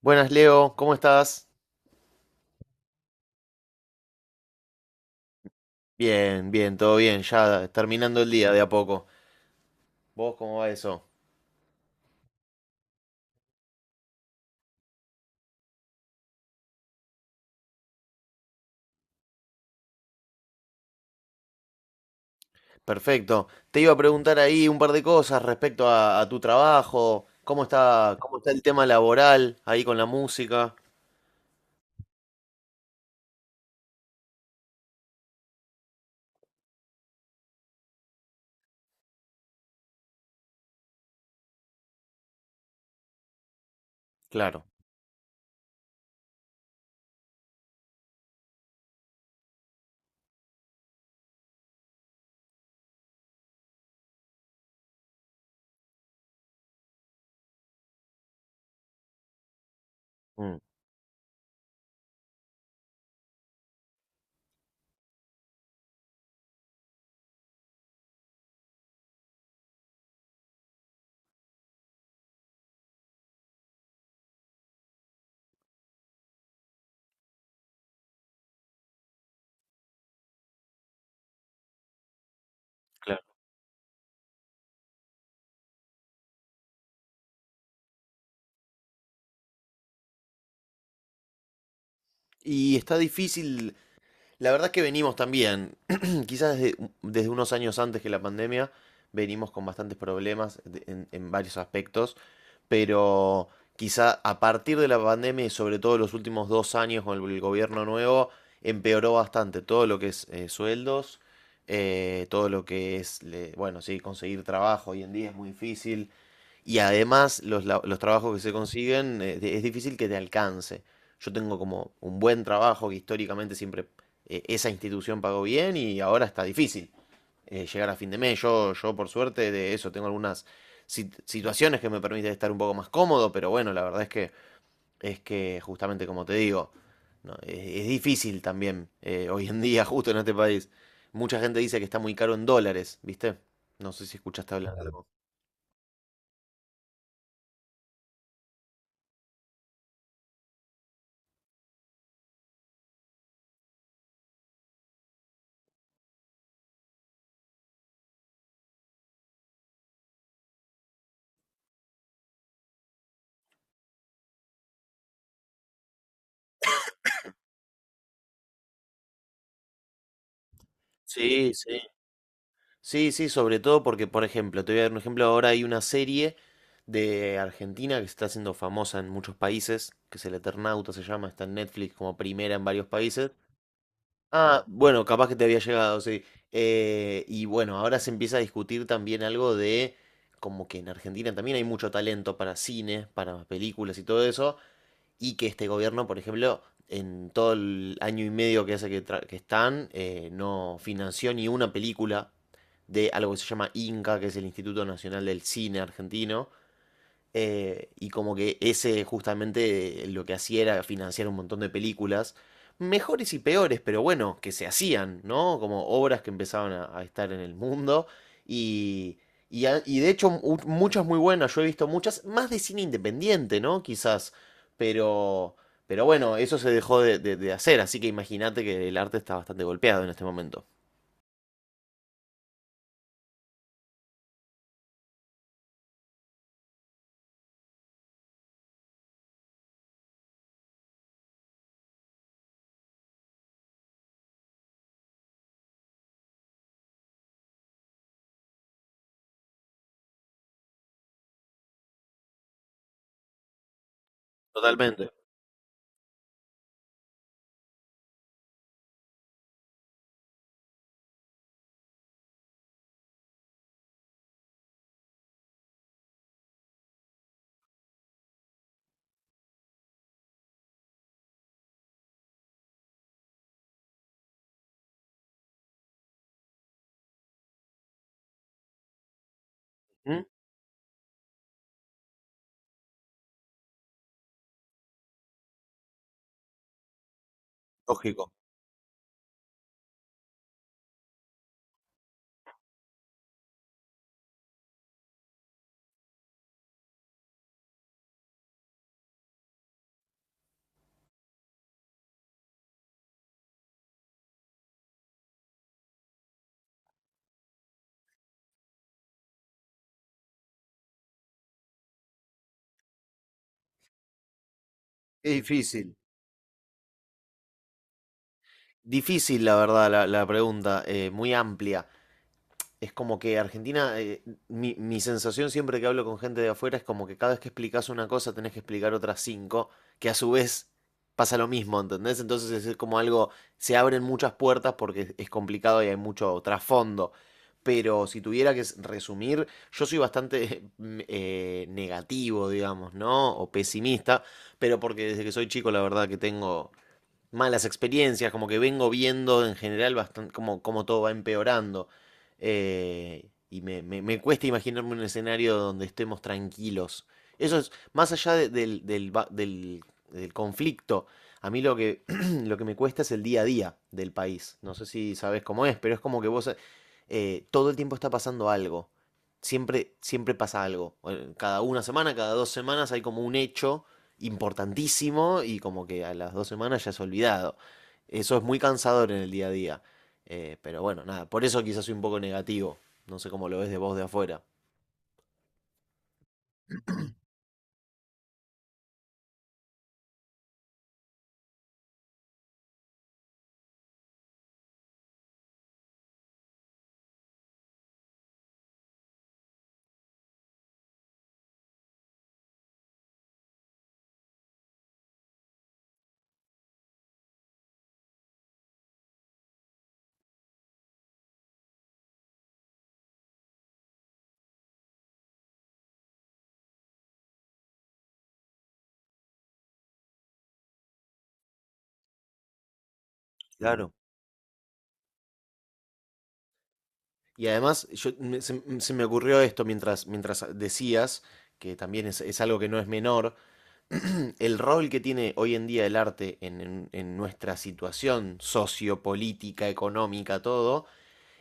Buenas, Leo, ¿cómo estás? Bien, bien, todo bien, ya terminando el día de a poco. ¿Vos cómo va eso? Perfecto. Te iba a preguntar ahí un par de cosas respecto a tu trabajo, cómo está el tema laboral ahí con la música. Claro, mm, claro. ¿Y está difícil? La verdad es que venimos también, quizás desde, desde unos años antes que la pandemia, venimos con bastantes problemas de- en varios aspectos, pero quizá a partir de la pandemia y sobre todo los últimos dos años con el gobierno nuevo, empeoró bastante todo lo que es sueldos, todo lo que es, le- bueno, sí, conseguir trabajo hoy en día es muy difícil, y además los, la- los trabajos que se consiguen es difícil que te alcance. Yo tengo como un buen trabajo que históricamente siempre esa institución pagó bien y ahora está difícil llegar a fin de mes. Yo por suerte de eso tengo algunas sit- situaciones que me permiten estar un poco más cómodo, pero bueno, la verdad es que justamente como te digo, no, es difícil también hoy en día justo en este país. Mucha gente dice que está muy caro en dólares, ¿viste? No sé si escuchaste hablar de algo. Sí, sí. Sí, sí, sobre todo porque, por ejemplo, te voy a dar un ejemplo, ahora hay una serie de Argentina que se está haciendo famosa en muchos países, que es El Eternauta se llama, está en Netflix como primera en varios países. Ah, bueno, capaz que te había llegado, sí. Y bueno, ahora se empieza a discutir también algo de como que en Argentina también hay mucho talento para cine, para películas y todo eso, y que este gobierno, por ejemplo, en todo el año y medio que hace que, tra- que están, no financió ni una película de algo que se llama INCA, que es el Instituto Nacional del Cine Argentino, y como que ese justamente lo que hacía era financiar un montón de películas, mejores y peores, pero bueno, que se hacían, ¿no? Como obras que empezaban a estar en el mundo. Y, y, a- y de hecho mu- muchas muy buenas, yo he visto muchas, más de cine independiente, ¿no? Quizás, pero, pero bueno, eso se dejó de hacer, así que imagínate que el arte está bastante golpeado en este momento. Totalmente. ¿Mm? Lógico. Qué difícil. Difícil, la verdad, la pregunta, muy amplia. Es como que Argentina, mi, mi sensación siempre que hablo con gente de afuera es como que cada vez que explicas una cosa tenés que explicar otras cinco, que a su vez pasa lo mismo, ¿entendés? Entonces es como algo, se abren muchas puertas porque es complicado y hay mucho trasfondo. Pero si tuviera que s- resumir, yo soy bastante negativo, digamos, ¿no? O pesimista, pero porque desde que soy chico la verdad que tengo malas experiencias, como que vengo viendo en general bastante como, como todo va empeorando. Y me- me cuesta imaginarme un escenario donde estemos tranquilos. Eso es, más allá de- del, del va- del- del conflicto, a mí lo que, lo que me cuesta es el día a día del país. No sé si sabes cómo es, pero es como que vos todo el tiempo está pasando algo. Siempre, siempre pasa algo. Cada una semana, cada dos semanas hay como un hecho importantísimo y como que a las dos semanas ya es olvidado. Eso es muy cansador en el día a día. Pero bueno, nada, por eso quizás soy un poco negativo. No sé cómo lo ves de vos de afuera. Claro. Y además, yo, me- se me ocurrió esto mientras, mientras decías, que también es algo que no es menor, el rol que tiene hoy en día el arte en nuestra situación sociopolítica, económica, todo,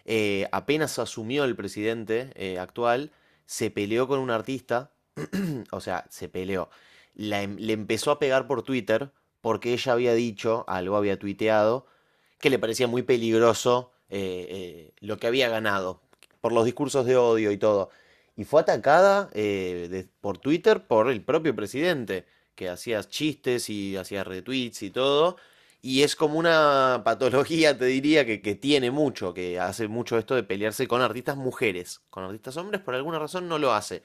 apenas asumió el presidente actual, se peleó con un artista o sea, se peleó. La em- le empezó a pegar por Twitter porque ella había dicho, algo había tuiteado, que le parecía muy peligroso lo que había ganado por los discursos de odio y todo. Y fue atacada de- por Twitter por el propio presidente, que hacía chistes y hacía retweets y todo. Y es como una patología, te diría, que tiene mucho, que hace mucho esto de pelearse con artistas mujeres. Con artistas hombres, por alguna razón, no lo hace.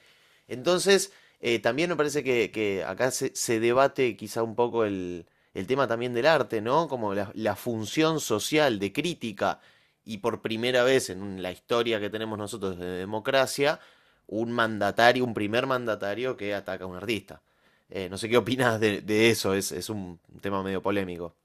Entonces, también me parece que acá se, se debate quizá un poco el tema también del arte, ¿no? Como la función social de crítica y por primera vez en un- la historia que tenemos nosotros de democracia, un mandatario, un primer mandatario que ataca a un artista. No sé qué opinas de eso, es un tema medio polémico.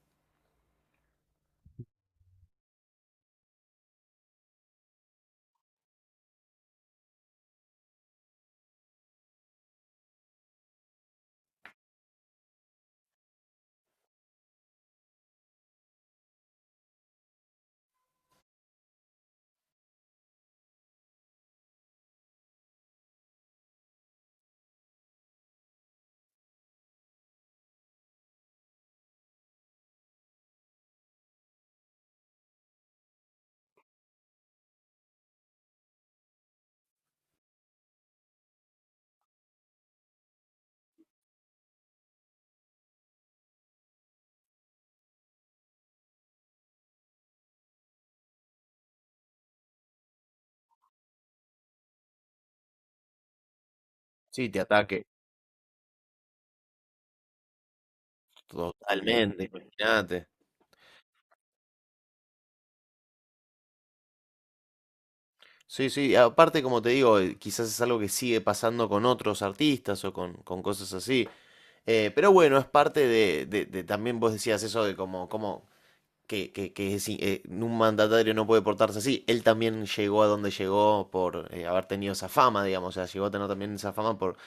Sí, te ataque totalmente, imagínate. Sí, sí, aparte como te digo, quizás es algo que sigue pasando con otros artistas o con cosas así. Pero bueno, es parte de- también vos decías eso de como, como que es i- un mandatario no puede portarse así. Él también llegó a donde llegó por haber tenido esa fama, digamos, o sea, llegó a tener también esa fama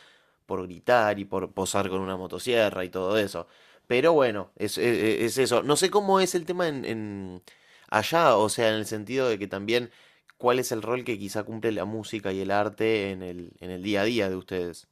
por gritar y por posar con una motosierra y todo eso. Pero bueno, es eso. No sé cómo es el tema en allá, o sea, en el sentido de que también cuál es el rol que quizá cumple la música y el arte en el día a día de ustedes.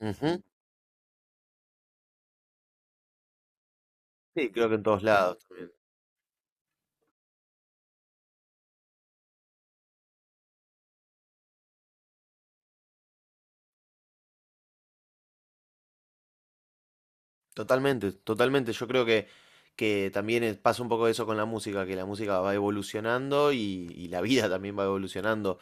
Ujú. Sí, creo que en todos lados también. Totalmente, totalmente. Yo creo que también es- pasa un poco eso con la música, que la música va evolucionando y la vida también va evolucionando.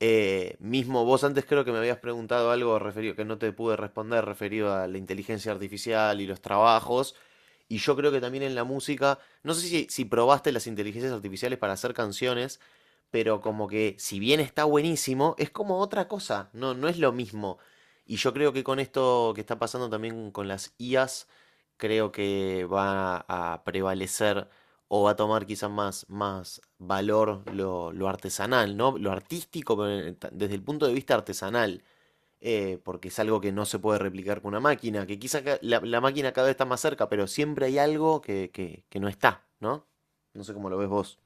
Mismo vos antes creo que me habías preguntado algo referido que no te pude responder referido a la inteligencia artificial y los trabajos. Y yo creo que también en la música, no sé si, si probaste las inteligencias artificiales para hacer canciones, pero como que si bien está buenísimo, es como otra cosa, no, no es lo mismo. Y yo creo que con esto que está pasando también con las IAs, creo que va a prevalecer o va a tomar quizás más, más valor lo artesanal, ¿no? Lo artístico, pero en- ta- desde el punto de vista artesanal porque es algo que no se puede replicar con una máquina, que quizás ca- la máquina cada vez está más cerca, pero siempre hay algo que no está, ¿no? No sé cómo lo ves vos.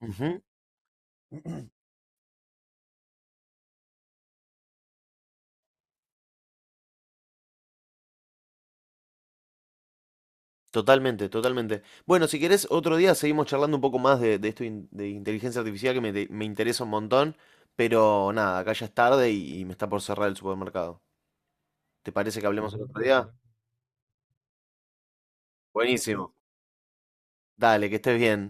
Ujú, totalmente, totalmente. Bueno, si querés, otro día seguimos charlando un poco más de esto in- de inteligencia artificial que me, te- me interesa un montón, pero nada, acá ya es tarde y me está por cerrar el supermercado. ¿Te parece que hablemos el otro día? Buenísimo. Dale, que estés bien.